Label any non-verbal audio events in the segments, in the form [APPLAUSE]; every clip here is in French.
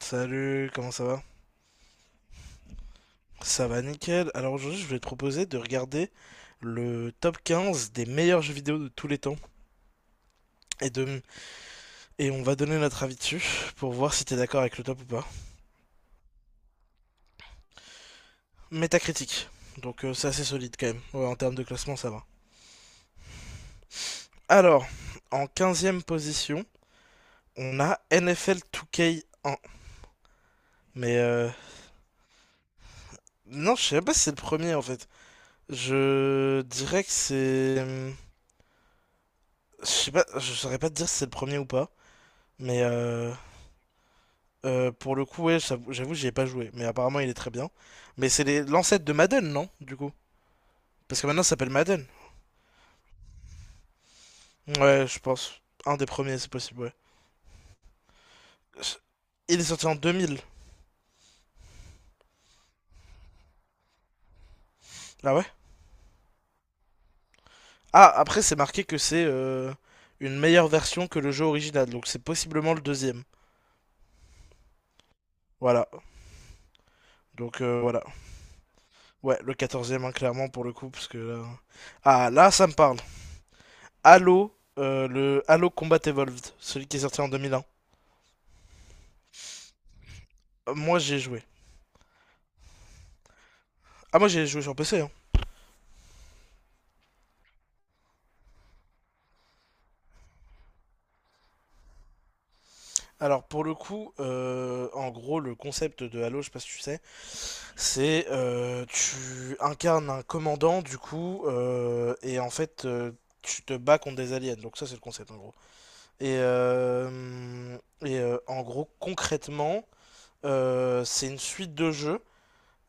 Salut, comment ça va? Ça va nickel. Alors aujourd'hui, je vais te proposer de regarder le top 15 des meilleurs jeux vidéo de tous les temps et de et on va donner notre avis dessus pour voir si t'es d'accord avec le top ou pas. Métacritique. Donc c'est assez solide quand même. Ouais, en termes de classement, ça va. Alors, en quinzième position, on a NFL 2K1. Mais non, je sais pas si c'est le premier en fait. Je dirais que c'est Je sais pas, je saurais pas te dire si c'est le premier ou pas, mais euh, pour le coup, ouais, j'avoue, j'y ai pas joué, mais apparemment il est très bien. Mais c'est l'ancêtre de Madden, non? Du coup. Parce que maintenant ça s'appelle Madden. Ouais, je pense. Un des premiers, c'est possible, ouais. Il est sorti en 2000. Ah ouais? Ah, après c'est marqué que c'est une meilleure version que le jeu original, donc c'est possiblement le deuxième. Voilà. Donc voilà. Ouais, le 14e, hein, clairement, pour le coup, parce que là. Ah, là, ça me parle. Le Halo Combat Evolved, celui qui est sorti en 2001. Moi, j'ai joué. Ah, moi, j'ai joué sur PC, hein. Alors pour le coup, en gros, le concept de Halo, je sais pas si tu sais, c'est tu incarnes un commandant du coup, et en fait tu te bats contre des aliens. Donc ça c'est le concept en gros. Et, euh, et, en gros, concrètement, c'est une suite de jeux.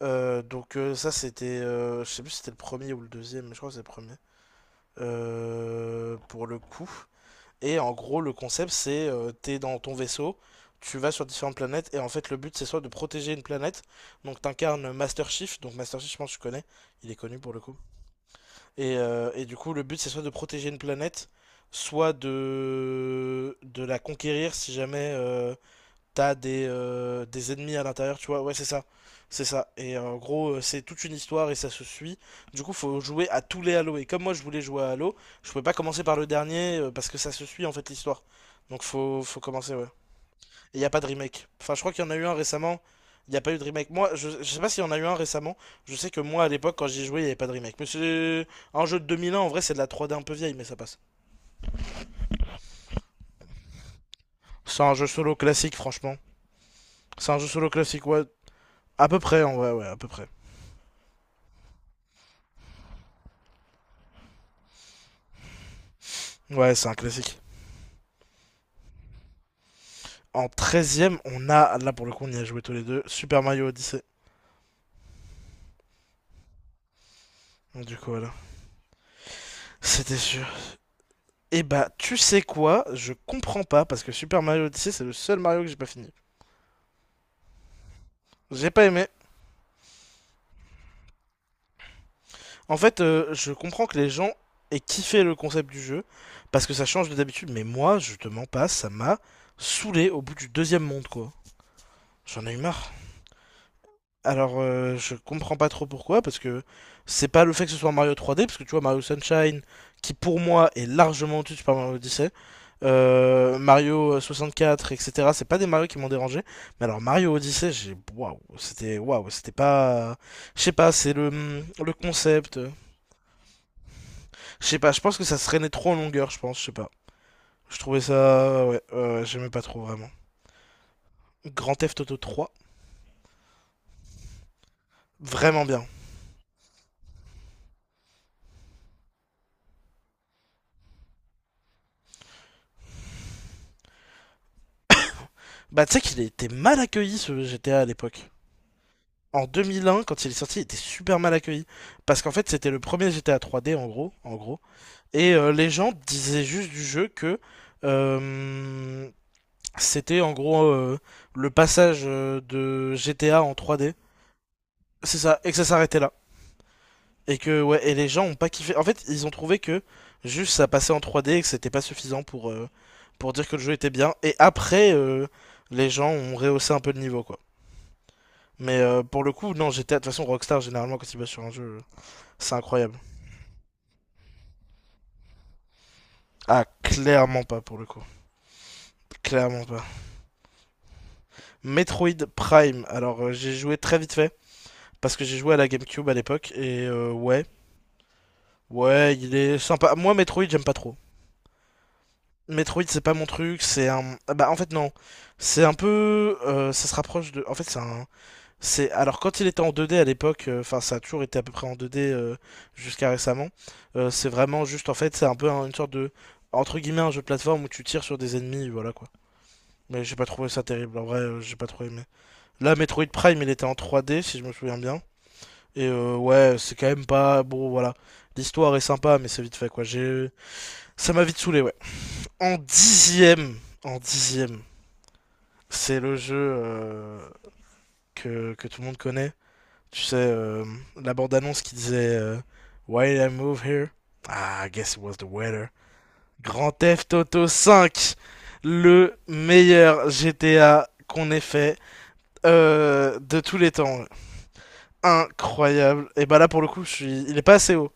Donc ça c'était, je sais plus si c'était le premier ou le deuxième, mais je crois que c'est le premier. Pour le coup. Et en gros, le concept, c'est t'es dans ton vaisseau, tu vas sur différentes planètes, et en fait, le but, c'est soit de protéger une planète, donc t'incarnes Master Chief, donc Master Chief, je pense que tu connais, il est connu pour le coup. Et du coup, le but, c'est soit de, protéger une planète, soit de la conquérir si jamais t'as des ennemis à l'intérieur, tu vois. Ouais, c'est ça. C'est ça. Et en gros, c'est toute une histoire et ça se suit. Du coup, faut jouer à tous les Halo. Et comme moi, je voulais jouer à Halo, je pouvais pas commencer par le dernier parce que ça se suit en fait l'histoire. Donc, faut commencer, ouais. Et y a pas de remake. Enfin, je crois qu'il y en a eu un récemment. Il n'y a pas eu de remake. Moi, je sais pas s'il y en a eu un récemment. Je sais que moi, à l'époque, quand j'y jouais, il n'y avait pas de remake. Mais c'est un jeu de 2001. En vrai, c'est de la 3D un peu vieille, mais ça passe. C'est un jeu solo classique, franchement. C'est un jeu solo classique, ouais. À peu près, en vrai, ouais, à peu près. Ouais, c'est un classique. En treizième on a, là pour le coup, on y a joué tous les deux, Super Mario Odyssey. Du coup, voilà. C'était sûr. Et bah, tu sais quoi? Je comprends pas parce que Super Mario Odyssey, c'est le seul Mario que j'ai pas fini. J'ai pas aimé. En fait, je comprends que les gens aient kiffé le concept du jeu parce que ça change de d'habitude, mais moi, je te mens pas, ça m'a saoulé au bout du deuxième monde, quoi. J'en ai eu marre. Alors, je comprends pas trop pourquoi, parce que c'est pas le fait que ce soit Mario 3D, parce que tu vois, Mario Sunshine, qui pour moi est largement au-dessus de Super Mario Odyssey, Mario 64, etc., c'est pas des Mario qui m'ont dérangé, mais alors Mario Odyssey, j'ai. Waouh, c'était. Waouh, c'était pas. Je sais pas, c'est le concept. Je sais pas, je pense que ça se traînait trop en longueur, je pense, je sais pas. Je trouvais ça. Ouais, j'aimais pas trop vraiment. Grand Theft Auto 3, vraiment bien. Bah, tu sais qu'il était mal accueilli ce GTA à l'époque. En 2001, quand il est sorti, il était super mal accueilli. Parce qu'en fait, c'était le premier GTA 3D, en gros. En gros. Et les gens disaient juste du jeu que euh, c'était en gros le passage de GTA en 3D. C'est ça, et que ça s'arrêtait là. Et que, ouais, et les gens ont pas kiffé. En fait, ils ont trouvé que juste ça passait en 3D et que c'était pas suffisant pour dire que le jeu était bien. Et après, les gens ont rehaussé un peu le niveau, quoi. Mais pour le coup, non, GTA, de toute façon, Rockstar, généralement, quand ils bossent sur un jeu, c'est incroyable. Ah, clairement pas pour le coup. Clairement pas. Metroid Prime. Alors, j'ai joué très vite fait parce que j'ai joué à la GameCube à l'époque et ouais, ouais, il est sympa. Moi, Metroid, j'aime pas trop. Metroid, c'est pas mon truc. C'est un, ah bah en fait non, c'est un peu, ça se rapproche de. En fait, c'est un, c'est alors quand il était en 2D à l'époque, enfin, ça a toujours été à peu près en 2D jusqu'à récemment. C'est vraiment juste en fait, c'est un peu une sorte de entre guillemets un jeu de plateforme où tu tires sur des ennemis, voilà quoi. Mais j'ai pas trouvé ça terrible, en vrai, j'ai pas trop aimé. Là, Metroid Prime, il était en 3D, si je me souviens bien. Et ouais, c'est quand même pas. Bon, voilà. L'histoire est sympa, mais c'est vite fait, quoi. J'ai. Ça m'a vite saoulé, ouais. En dixième, c'est le jeu que tout le monde connaît. Tu sais, la bande-annonce qui disait Why did I move here? Ah, I guess it was the weather. Grand Theft Auto 5, le meilleur GTA qu'on ait fait de tous les temps. Incroyable. Et bah là, pour le coup, je suis. Il est pas assez haut.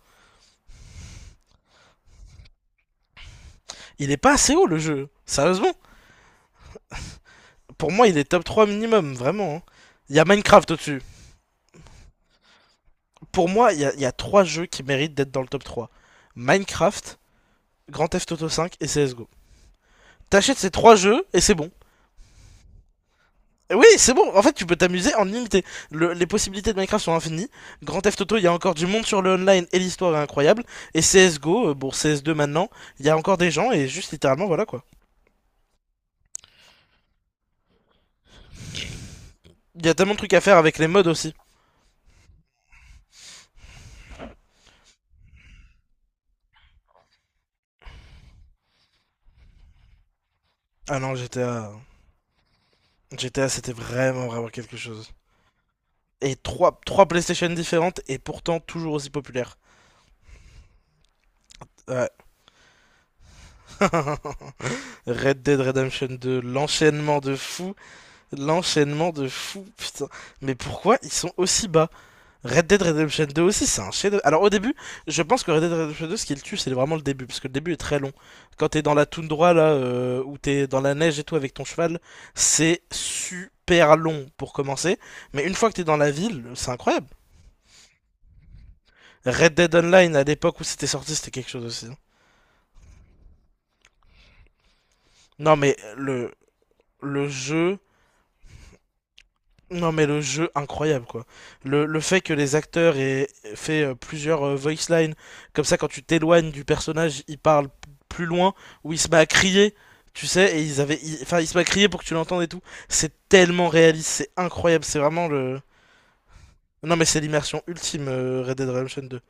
Il est pas assez haut le jeu, sérieusement. Pour moi, il est top 3 minimum, vraiment, hein. Il y a Minecraft au-dessus. Pour moi, il y a 3 jeux qui méritent d'être dans le top trois: Minecraft, Grand Theft Auto 5 et CSGO. T'achètes ces 3 jeux et c'est bon. Oui, c'est bon. En fait, tu peux t'amuser en illimité. Les possibilités de Minecraft sont infinies. Grand Theft Auto, il y a encore du monde sur le online et l'histoire est incroyable. Et CSGO, bon, CS2 maintenant, il y a encore des gens et juste littéralement, voilà quoi. Il y a tellement de trucs à faire avec les mods aussi. Ah non, GTA c'était vraiment vraiment quelque chose. Et trois PlayStation différentes et pourtant toujours aussi populaires. Ouais. [LAUGHS] Red Dead Redemption 2, l'enchaînement de fou, putain. Mais pourquoi ils sont aussi bas? Red Dead Redemption 2 aussi, c'est un chef. Alors au début, je pense que Red Dead Redemption 2, ce qui le tue, c'est vraiment le début, parce que le début est très long. Quand t'es dans la toundra, là, où t'es dans la neige et tout avec ton cheval, c'est super long pour commencer. Mais une fois que t'es dans la ville, c'est incroyable. Red Dead Online, à l'époque où c'était sorti, c'était quelque chose aussi, hein. Non mais le jeu Non mais le jeu incroyable quoi. Le fait que les acteurs aient fait plusieurs voice lines, comme ça quand tu t'éloignes du personnage, il parle plus loin, ou il se met à crier, tu sais, et ils avaient, enfin il se met à crier pour que tu l'entendes et tout. C'est tellement réaliste, c'est incroyable, c'est vraiment le. Non mais c'est l'immersion ultime Red Dead Redemption 2.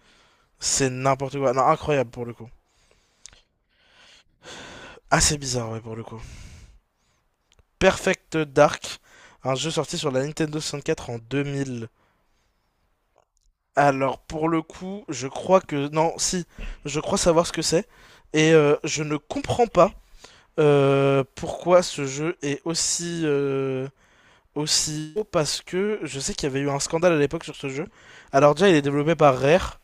C'est n'importe quoi, non incroyable pour le coup. Assez bizarre ouais pour le coup. Perfect Dark, un jeu sorti sur la Nintendo 64 en 2000. Alors, pour le coup, je crois que. Non, si, je crois savoir ce que c'est. Et je ne comprends pas pourquoi ce jeu est aussi. Aussi haut, parce que je sais qu'il y avait eu un scandale à l'époque sur ce jeu. Alors déjà, il est développé par Rare.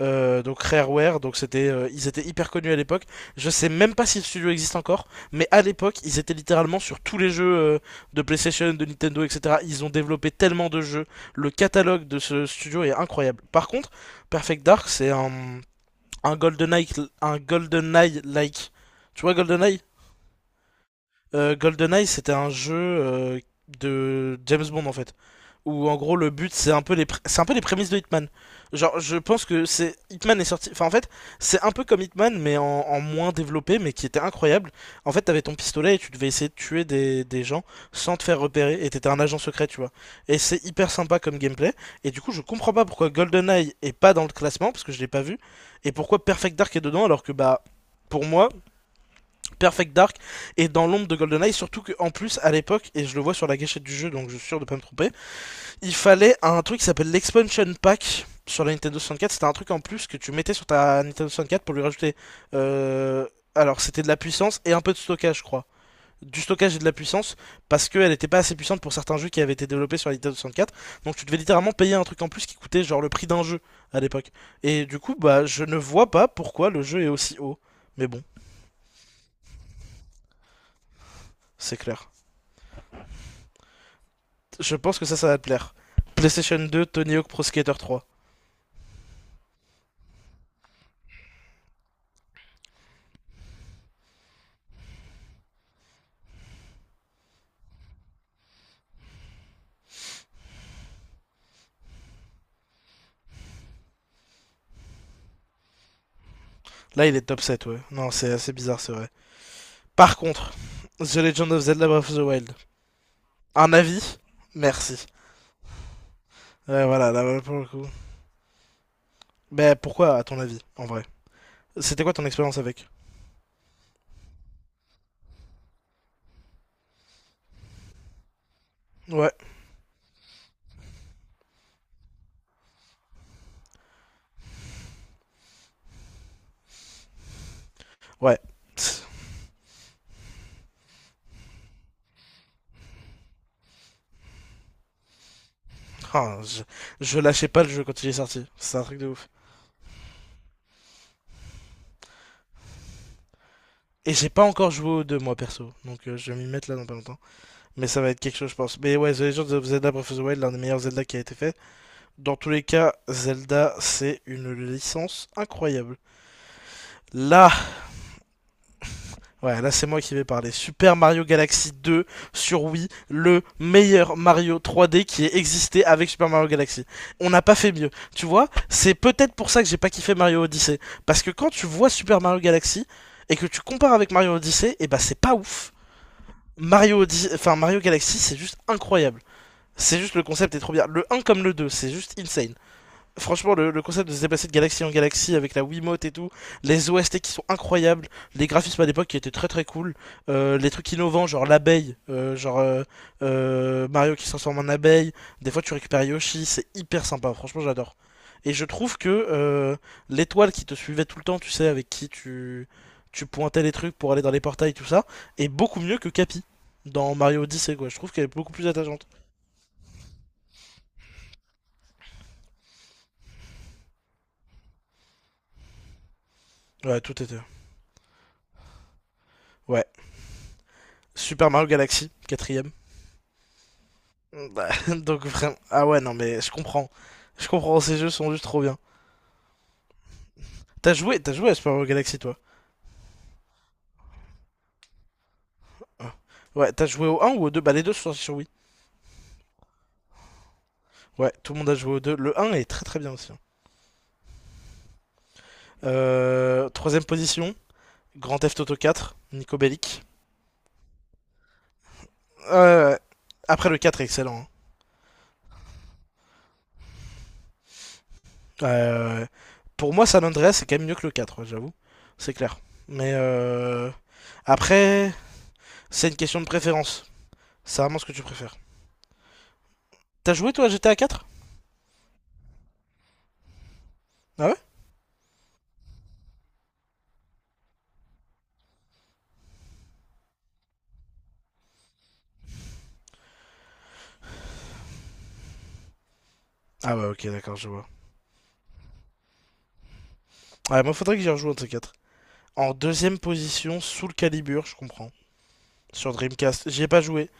Donc Rareware, donc ils étaient hyper connus à l'époque. Je sais même pas si le studio existe encore, mais à l'époque, ils étaient littéralement sur tous les jeux de PlayStation, de Nintendo, etc. Ils ont développé tellement de jeux. Le catalogue de ce studio est incroyable. Par contre, Perfect Dark, c'est un GoldenEye, un GoldenEye-like. Tu vois GoldenEye GoldenEye, c'était un jeu de James Bond en fait, où en gros le but c'est un peu les c'est un peu les prémices de Hitman. Genre, je pense que c'est Hitman est sorti. Enfin, en fait, c'est un peu comme Hitman, mais en moins développé, mais qui était incroyable. En fait, t'avais ton pistolet et tu devais essayer de tuer des gens sans te faire repérer, et t'étais un agent secret, tu vois. Et c'est hyper sympa comme gameplay. Et du coup, je comprends pas pourquoi GoldenEye est pas dans le classement, parce que je l'ai pas vu, et pourquoi Perfect Dark est dedans, alors que bah, pour moi, Perfect Dark est dans l'ombre de GoldenEye, surtout qu'en plus, à l'époque, et je le vois sur la gâchette du jeu, donc je suis sûr de pas me tromper, il fallait un truc qui s'appelle l'Expansion Pack sur la Nintendo 64. C'était un truc en plus que tu mettais sur ta Nintendo 64 pour lui rajouter. euh, Alors, c'était de la puissance et un peu de stockage, je crois. Du stockage et de la puissance, parce qu'elle n'était pas assez puissante pour certains jeux qui avaient été développés sur la Nintendo 64. Donc, tu devais littéralement payer un truc en plus qui coûtait genre le prix d'un jeu à l'époque. Et du coup, bah, je ne vois pas pourquoi le jeu est aussi haut. Mais bon, c'est clair. Je pense que ça va te plaire. PlayStation 2, Tony Hawk Pro Skater 3. Là, il est top 7, ouais. Non, c'est assez bizarre, c'est vrai. Par contre, The Legend of Zelda Breath of the Wild. Un avis. Merci. Ouais, voilà, là, ouais, pour le coup. Mais pourquoi, à ton avis, en vrai? C'était quoi ton expérience avec? Ouais, ouais. Ah, je lâchais pas le jeu quand il est sorti. C'est un truc de ouf. Et j'ai pas encore joué aux deux, moi, perso. Donc, je vais m'y mettre là dans pas longtemps. Mais ça va être quelque chose, je pense. Mais ouais, The Legend of Zelda Breath of the Wild, l'un des meilleurs Zelda qui a été fait. Dans tous les cas, Zelda, c'est une licence incroyable. Là, ouais, là c'est moi qui vais parler. Super Mario Galaxy 2 sur Wii, le meilleur Mario 3D qui ait existé avec Super Mario Galaxy. On n'a pas fait mieux. Tu vois, c'est peut-être pour ça que j'ai pas kiffé Mario Odyssey. Parce que quand tu vois Super Mario Galaxy et que tu compares avec Mario Odyssey, et bah c'est pas ouf. Enfin, Mario Galaxy, c'est juste incroyable. C'est juste le concept est trop bien. Le un comme le 2, c'est juste insane. Franchement, le concept de se déplacer de galaxie en galaxie avec la Wiimote et tout, les OST qui sont incroyables, les graphismes à l'époque qui étaient très très cool, les trucs innovants, genre l'abeille, Mario qui se transforme en abeille, des fois tu récupères Yoshi, c'est hyper sympa, franchement j'adore. Et je trouve que l'étoile qui te suivait tout le temps, tu sais, avec qui tu pointais les trucs pour aller dans les portails, tout ça, est beaucoup mieux que Capi dans Mario Odyssey, quoi. Je trouve qu'elle est beaucoup plus attachante. Ouais, tout était. Ouais. Super Mario Galaxy, quatrième. Bah, [LAUGHS] donc vraiment. Ah ouais, non, mais je comprends. Je comprends, ces jeux sont juste trop bien. T'as joué à Super Mario Galaxy, toi? Ah. Ouais, t'as joué au un ou au deux? Bah, les deux sont sortis sur Wii. Ouais, tout le monde a joué au deux. Le un est très très bien aussi, hein. Troisième position, Grand Theft Auto 4, Nico Bellic. Euh, Après, le 4 est excellent, hein. Euh, pour moi, San Andreas, c'est quand même mieux que le quatre, ouais, j'avoue. C'est clair. Mais euh, après, c'est une question de préférence. C'est vraiment ce que tu préfères. T'as joué, toi, à GTA 4? Ah ouais? Ah ouais, ok, d'accord, je vois. Ouais, moi, faudrait que j'y rejoue un de ces quatre. En deuxième position, Soul Calibur, je comprends. Sur Dreamcast, j'y ai pas joué.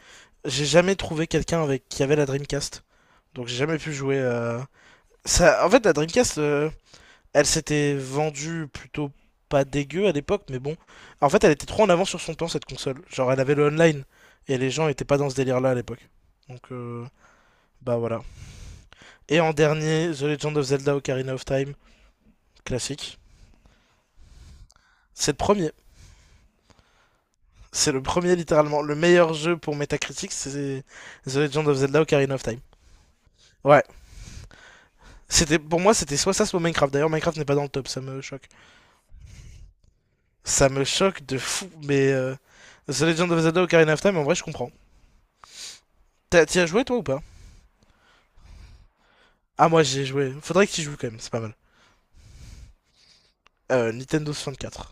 J'ai jamais trouvé quelqu'un avec qui avait la Dreamcast. Donc j'ai jamais pu jouer. Ça... En fait, la Dreamcast, elle s'était vendue plutôt pas dégueu à l'époque, mais bon. En fait, elle était trop en avance sur son temps, cette console. Genre, elle avait le online. Et les gens étaient pas dans ce délire-là à l'époque. Donc, bah voilà. Et en dernier, The Legend of Zelda Ocarina of Time, classique. C'est le premier. C'est le premier, littéralement. Le meilleur jeu pour Metacritic, c'est The Legend of Zelda Ocarina of Time. Ouais. C'était, pour moi, c'était soit ça, soit Minecraft. D'ailleurs, Minecraft n'est pas dans le top, ça me choque. Ça me choque de fou, The Legend of Zelda Ocarina of Time, en vrai, je comprends. T'y as joué, toi, ou pas? Ah, moi, j'y ai joué. Faudrait que tu joues, quand même, c'est pas mal. Nintendo 64.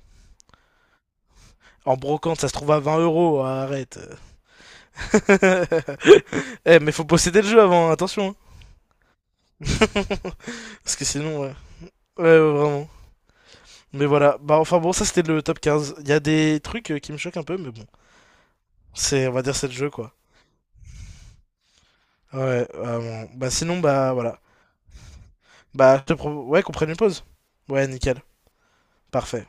En brocante, ça se trouve à 20 euros, arrête. [LAUGHS] Eh, mais faut posséder le jeu avant, attention, hein. [LAUGHS] Parce que sinon, ouais. Ouais, ouais, vraiment. Mais voilà, bah enfin bon, ça c'était le top quinze. Il y a des trucs qui me choquent un peu, mais bon, c'est, on va dire, c'est le jeu quoi. Ouais, bon, bah sinon, bah voilà. Ouais, qu'on prenne une pause. Ouais, nickel, parfait.